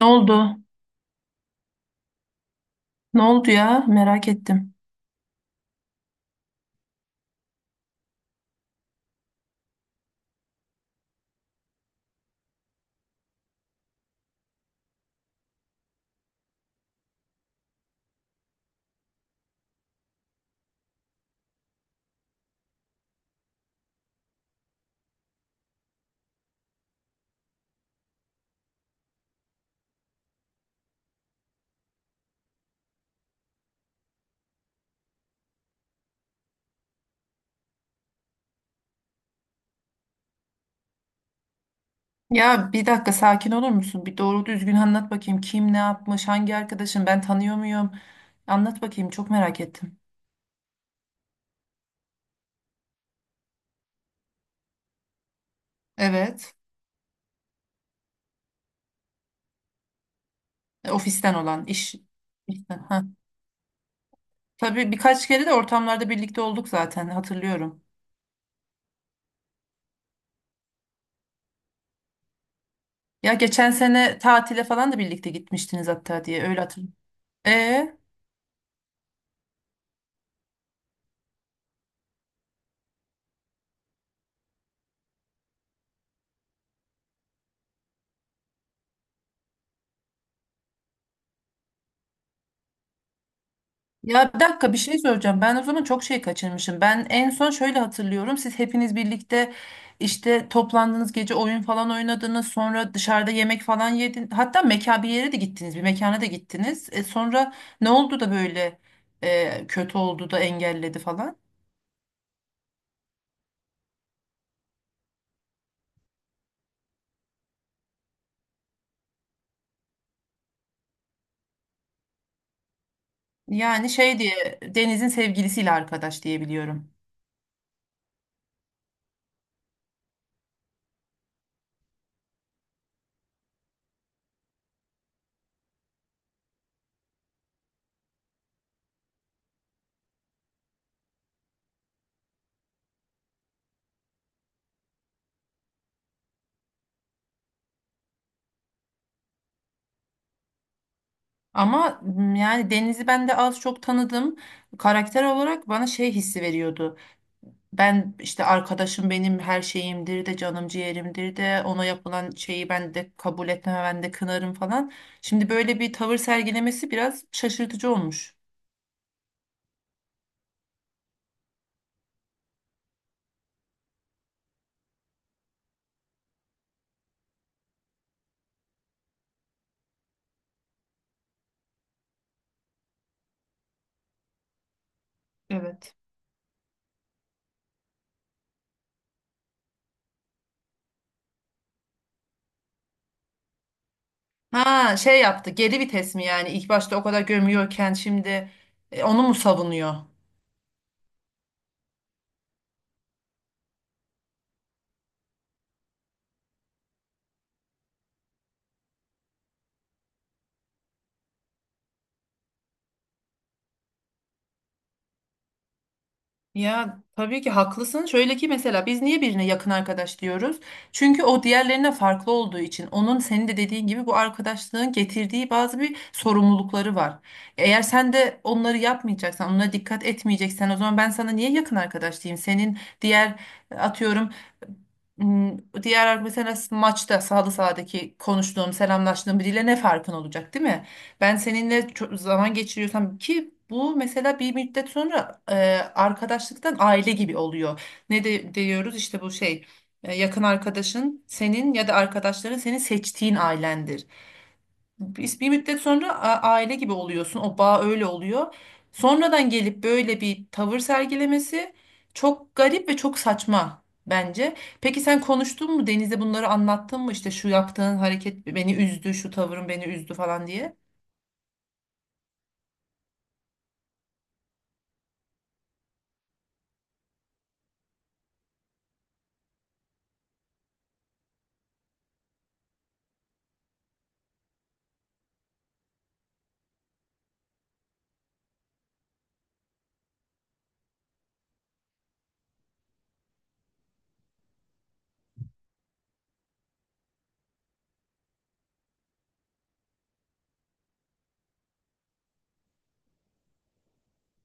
Ne oldu? Ne oldu ya? Merak ettim. Ya, bir dakika, sakin olur musun? Bir doğru düzgün anlat bakayım. Kim ne yapmış? Hangi arkadaşın? Ben tanıyor muyum? Anlat bakayım. Çok merak ettim. Evet. Ofisten olan iş. İşten, ha. Tabii birkaç kere de ortamlarda birlikte olduk zaten, hatırlıyorum. Ya, geçen sene tatile falan da birlikte gitmiştiniz hatta, diye öyle hatırlıyorum. E? Ya, bir dakika, bir şey soracağım. Ben o zaman çok şey kaçırmışım. Ben en son şöyle hatırlıyorum. Siz hepiniz birlikte işte toplandınız, gece oyun falan oynadınız. Sonra dışarıda yemek falan yedin. Hatta mekan bir yere de gittiniz. Bir mekana da gittiniz. E sonra ne oldu da böyle kötü oldu da engelledi falan? Yani şey diye Deniz'in sevgilisiyle arkadaş diye biliyorum. Ama yani Deniz'i ben de az çok tanıdım. Karakter olarak bana şey hissi veriyordu. Ben işte, arkadaşım benim her şeyimdir de canım ciğerimdir de, ona yapılan şeyi ben de kabul etmem, ben de kınarım falan. Şimdi böyle bir tavır sergilemesi biraz şaşırtıcı olmuş. Evet. Ha, şey yaptı, geri vites mi yani? İlk başta o kadar gömüyorken şimdi onu mu savunuyor? Ya tabii ki haklısın. Şöyle ki, mesela biz niye birine yakın arkadaş diyoruz? Çünkü o diğerlerine farklı olduğu için. Onun, senin de dediğin gibi, bu arkadaşlığın getirdiği bazı bir sorumlulukları var. Eğer sen de onları yapmayacaksan, onlara dikkat etmeyeceksen, o zaman ben sana niye yakın arkadaş diyeyim? Senin diğer, atıyorum, m, diğer mesela maçta sağdaki konuştuğum, selamlaştığım biriyle ne farkın olacak, değil mi? Ben seninle çok zaman geçiriyorsam ki, bu mesela bir müddet sonra arkadaşlıktan aile gibi oluyor. Ne de diyoruz işte, bu şey, yakın arkadaşın senin, ya da arkadaşların senin seçtiğin ailendir. Biz bir müddet sonra aile gibi oluyorsun. O bağ öyle oluyor. Sonradan gelip böyle bir tavır sergilemesi çok garip ve çok saçma bence. Peki sen konuştun mu? Deniz'e bunları anlattın mı, işte şu yaptığın hareket beni üzdü, şu tavrın beni üzdü falan diye?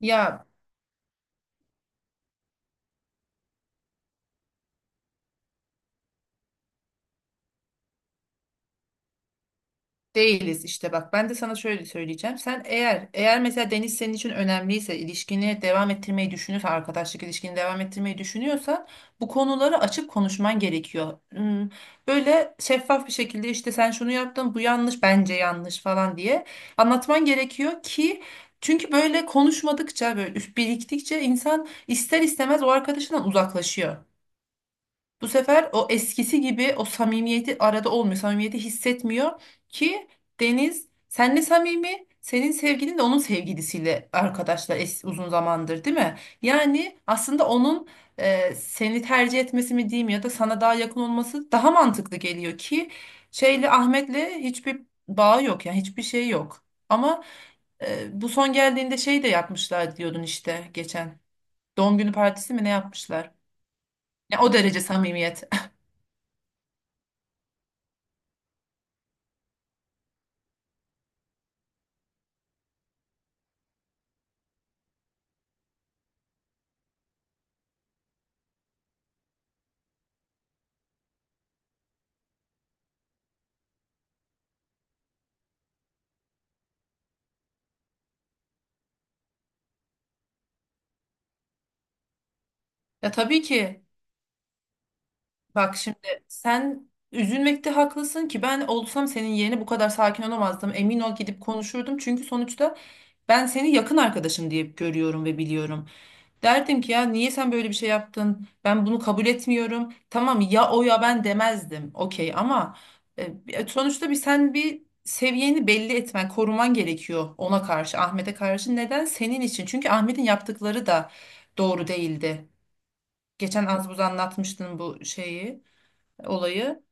Ya, değiliz işte, bak, ben de sana şöyle söyleyeceğim. Sen eğer mesela Deniz senin için önemliyse, ilişkini devam ettirmeyi düşünüyorsa, arkadaşlık ilişkini devam ettirmeyi düşünüyorsa, bu konuları açık konuşman gerekiyor. Böyle şeffaf bir şekilde, işte sen şunu yaptın, bu yanlış, bence yanlış falan diye, anlatman gerekiyor ki, çünkü böyle konuşmadıkça, böyle biriktikçe insan ister istemez o arkadaşından uzaklaşıyor. Bu sefer o eskisi gibi o samimiyeti arada olmuyor. Samimiyeti hissetmiyor ki. Deniz senle samimi, senin sevgilin de onun sevgilisiyle arkadaşlar uzun zamandır, değil mi? Yani aslında onun seni tercih etmesi mi diyeyim, ya da sana daha yakın olması daha mantıklı geliyor ki, Ahmet'le hiçbir bağı yok, yani hiçbir şey yok. Ama bu son geldiğinde şey de yapmışlar diyordun işte, geçen. Doğum günü partisi mi ne yapmışlar? Ya, o derece samimiyet. Ya tabii ki. Bak şimdi, sen üzülmekte haklısın ki, ben olsam senin yerine bu kadar sakin olamazdım. Emin ol, gidip konuşurdum. Çünkü sonuçta ben seni yakın arkadaşım diye görüyorum ve biliyorum. Derdim ki, ya niye sen böyle bir şey yaptın? Ben bunu kabul etmiyorum. Tamam, ya o ya ben demezdim. Okey, ama sonuçta bir seviyeni belli etmen, koruman gerekiyor ona karşı, Ahmet'e karşı. Neden? Senin için. Çünkü Ahmet'in yaptıkları da doğru değildi. Geçen az buz anlatmıştın bu şeyi, olayı.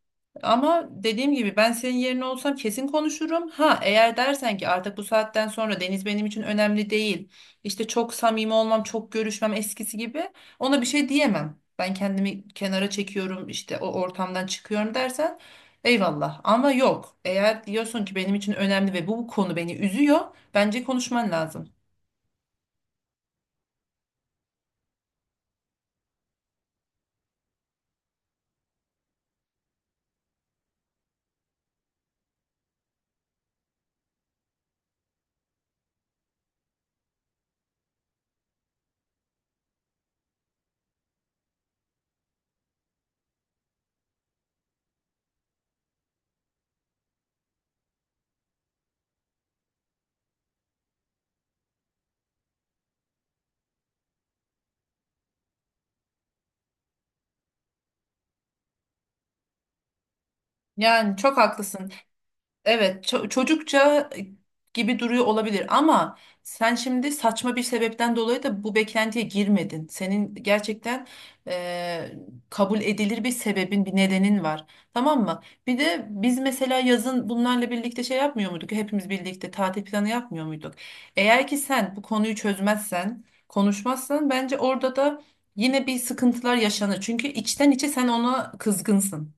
Ama dediğim gibi, ben senin yerine olsam kesin konuşurum. Ha, eğer dersen ki artık bu saatten sonra Deniz benim için önemli değil, İşte çok samimi olmam, çok görüşmem eskisi gibi, ona bir şey diyemem, ben kendimi kenara çekiyorum, işte o ortamdan çıkıyorum dersen, eyvallah. Ama yok. Eğer diyorsun ki benim için önemli ve bu konu beni üzüyor, bence konuşman lazım. Yani çok haklısın. Evet, çocukça gibi duruyor olabilir, ama sen şimdi saçma bir sebepten dolayı da bu beklentiye girmedin. Senin gerçekten eee, kabul edilir bir sebebin, bir nedenin var. Tamam mı? Bir de biz mesela yazın bunlarla birlikte şey yapmıyor muyduk? Hepimiz birlikte tatil planı yapmıyor muyduk? Eğer ki sen bu konuyu çözmezsen, konuşmazsan, bence orada da yine bir sıkıntılar yaşanır. Çünkü içten içe sen ona kızgınsın.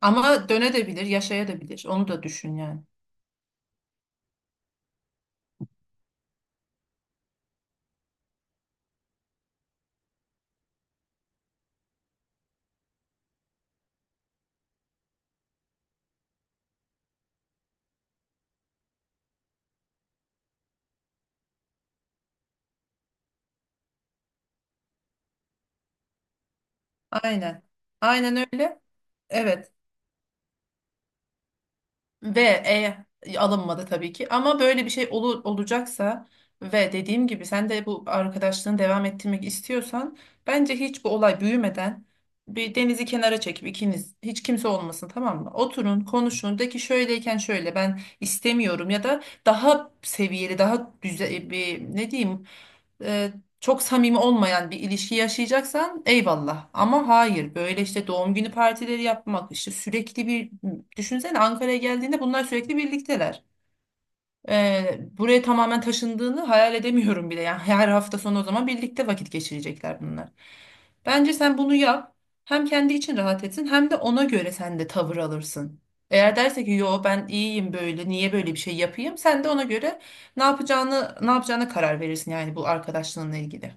Ama dönebilir, yaşayabilir. Onu da düşün, yani. Aynen. Aynen öyle. Evet. Ve alınmadı tabii ki. Ama böyle bir şey olur, olacaksa, ve dediğim gibi sen de bu arkadaşlığını devam ettirmek istiyorsan, bence hiç bu olay büyümeden, bir denizi kenara çekip, ikiniz, hiç kimse olmasın, tamam mı? Oturun, konuşun, de ki şöyleyken şöyle, ben istemiyorum, ya da daha seviyeli, daha güzel, bir ne diyeyim? e, Çok samimi olmayan bir ilişki yaşayacaksan, eyvallah. Ama hayır, böyle işte doğum günü partileri yapmak, işte sürekli bir düşünsene, Ankara'ya geldiğinde bunlar sürekli birlikteler. Buraya tamamen taşındığını hayal edemiyorum bile. Yani her hafta sonu o zaman birlikte vakit geçirecekler bunlar. Bence sen bunu yap. Hem kendi için rahat etsin, hem de ona göre sen de tavır alırsın. Eğer derse ki yo, ben iyiyim böyle, niye böyle bir şey yapayım, sen de ona göre ne yapacağını, ne yapacağına karar verirsin, yani bu arkadaşlığınla ilgili.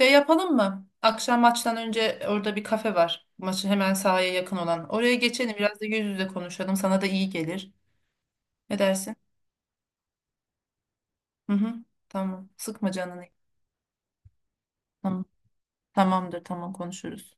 Şey yapalım mı? Akşam maçtan önce orada bir kafe var. Maçı hemen sahaya yakın olan. Oraya geçelim, biraz da yüz yüze konuşalım. Sana da iyi gelir. Ne dersin? Hı hı. Tamam. Sıkma canını. Tamam. Tamamdır. Tamam, konuşuruz.